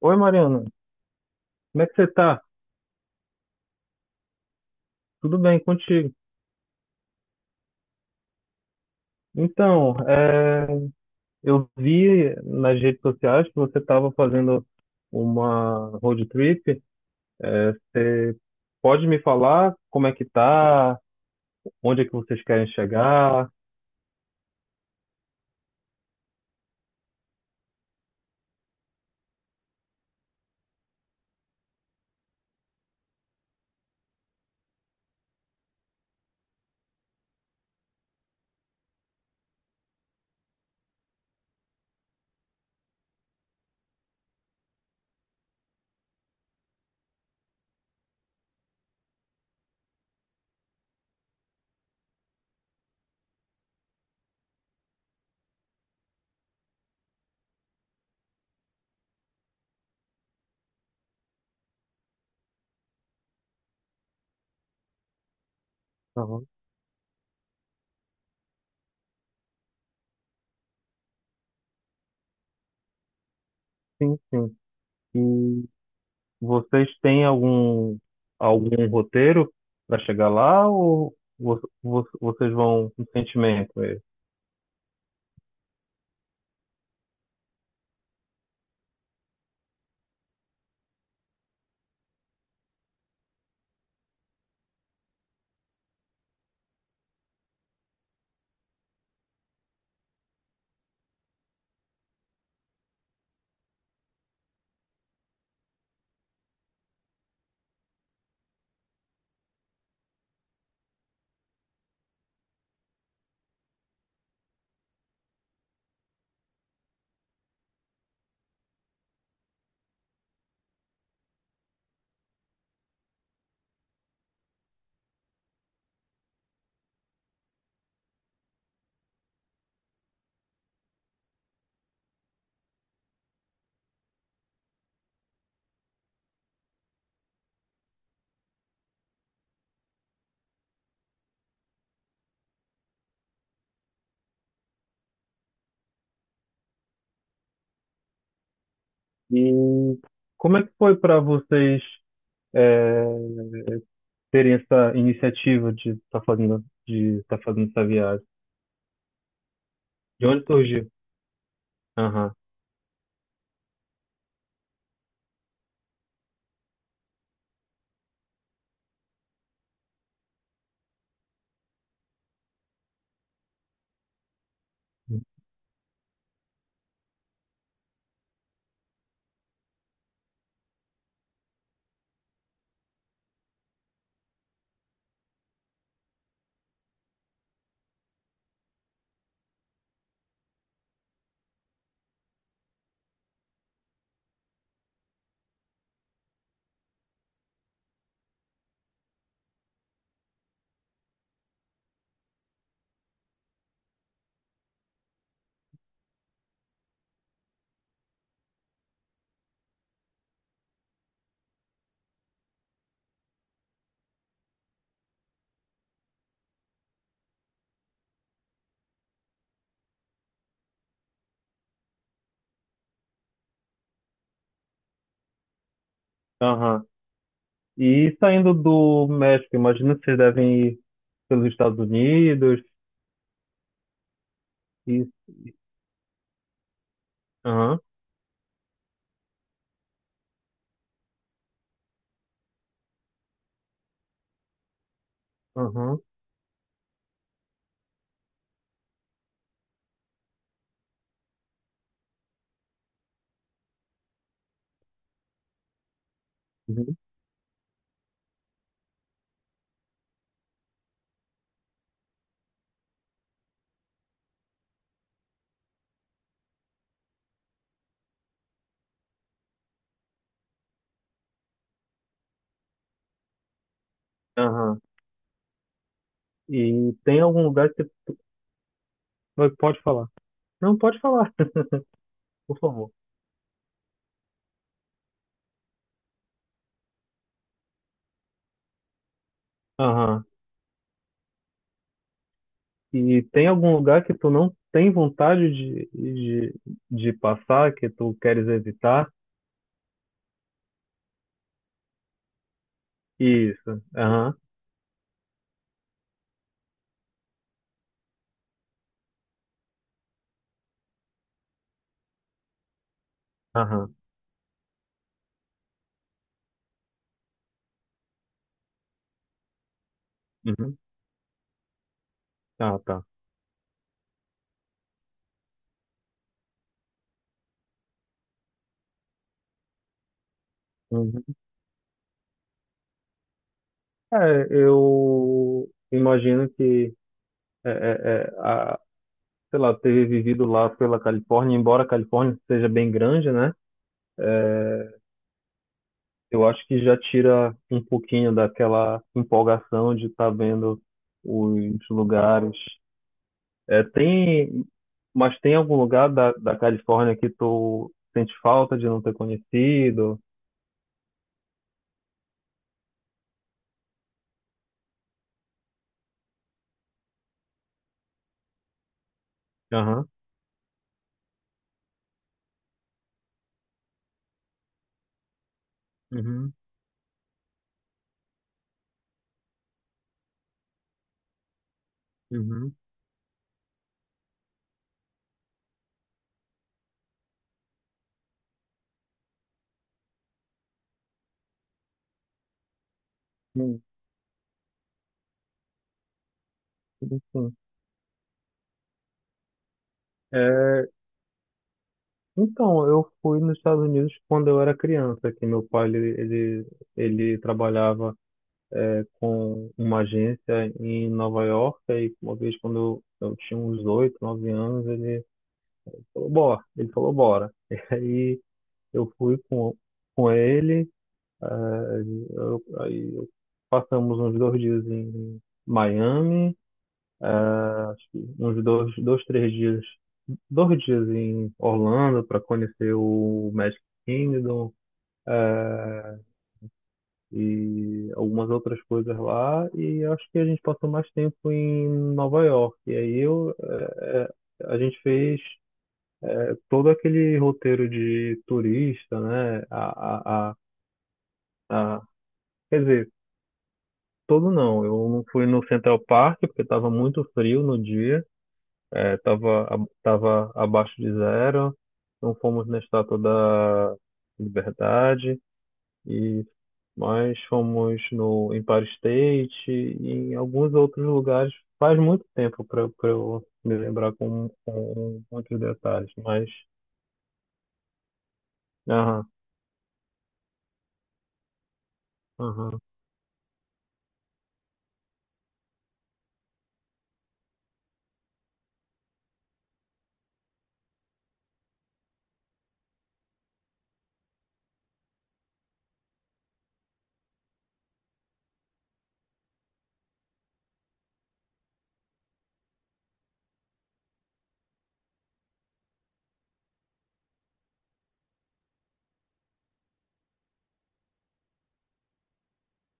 Oi, Mariana, como é que você tá? Tudo bem contigo? Então, eu vi nas redes sociais que você estava fazendo uma road trip. Você pode me falar como é que tá? Onde é que vocês querem chegar? Aham. Sim, sim. E vocês têm algum roteiro para chegar lá ou vocês vão com sentimento? E como é que foi para vocês? é, Terem essa iniciativa de de tá fazendo essa viagem? De onde surgiu? Aham, aham. E saindo do México, imagino que vocês devem ir pelos Estados Unidos. E, aham, aham, uhum, aham. E tem algum lugar que você pode falar? Não, pode falar, por favor. Aham. E tem algum lugar que tu não tem vontade de, de passar, que tu queres evitar? Isso. Aham, aham. Uhum. Ah, tá. Uhum. É, eu imagino que, é, é, é, a, sei lá, ter vivido lá pela Califórnia, embora a Califórnia seja bem grande, né? Eu acho que já tira um pouquinho daquela empolgação de estar vendo os lugares. É, tem, mas tem algum lugar da Califórnia que tu sente falta de não ter conhecido? Aham. Uhum. Uhum. Sim, sim, sim. Então, eu fui nos Estados Unidos quando eu era criança, que meu pai ele trabalhava com uma agência em Nova York, e uma vez quando eu tinha uns 8, 9 anos, ele falou, bora, ele falou, bora. E aí eu fui com ele, eu, aí eu- passamos uns 2 dias em Miami, eh, acho que uns 2, 2, 3 dias, 2 dias em Orlando para conhecer o Magic Kingdom, e algumas outras coisas lá. E acho que a gente passou mais tempo em Nova York. E aí a gente fez todo aquele roteiro de turista, né? A- Quer dizer, todo não. Eu não fui no Central Park porque estava muito frio no dia, tava abaixo de zero. Não fomos na Estátua da Liberdade. E nós fomos no Empire State e em alguns outros lugares. Faz muito tempo para eu me lembrar com muitos detalhes, mas. Aham, aham,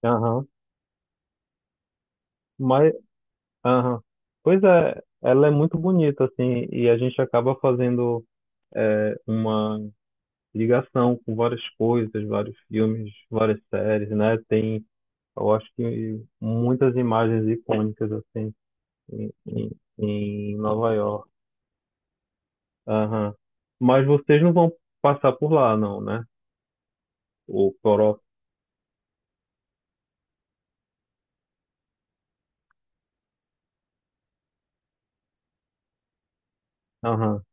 aham. Mas, aham. Pois é, ela é muito bonita, assim, e a gente acaba fazendo uma ligação com várias coisas, vários filmes, várias séries, né? Tem, eu acho que muitas imagens icônicas, assim, em, em em Nova York. Aham. Mas vocês não vão passar por lá, não, né? O Coró. Aham.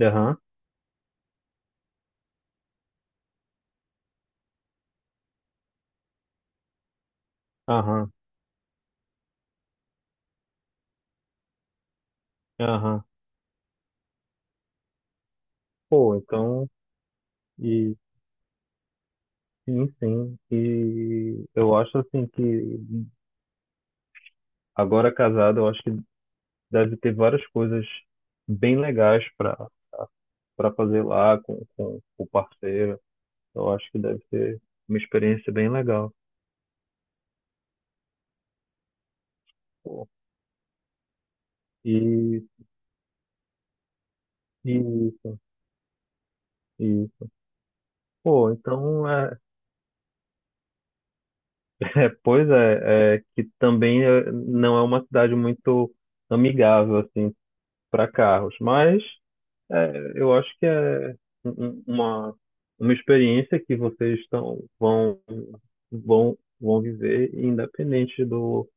Aham. Aham. Aham. Pô, então. E sim, sim. E eu acho assim que agora casado, eu acho que deve ter várias coisas bem legais para fazer lá com o parceiro. Eu acho que deve ser uma experiência bem legal. Pô. E, e isso. E, pô, então é, É, pois é, é que também não é uma cidade muito amigável assim para carros, mas eu acho que é um- um- uma uma experiência que vocês estão vão vão vão viver independente do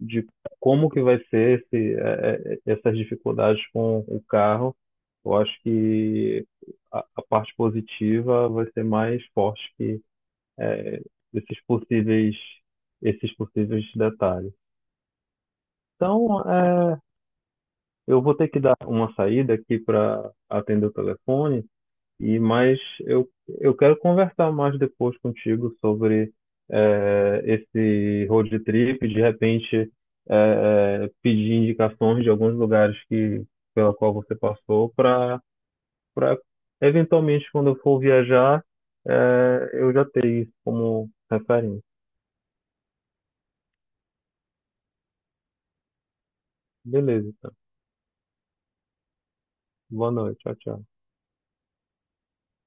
de como que vai ser essas dificuldades com o carro. Eu acho que a parte positiva vai ser mais forte é, esses possíveis, esses possíveis detalhes. Então, eu vou ter que dar uma saída aqui para atender o telefone, mas eu, eu quero conversar mais depois contigo sobre esse road trip, de repente pedir indicações de alguns lugares que pela qual você passou para eventualmente quando eu for viajar eu já ter isso como referência. Beleza. Boa noite. Tchau, tchau.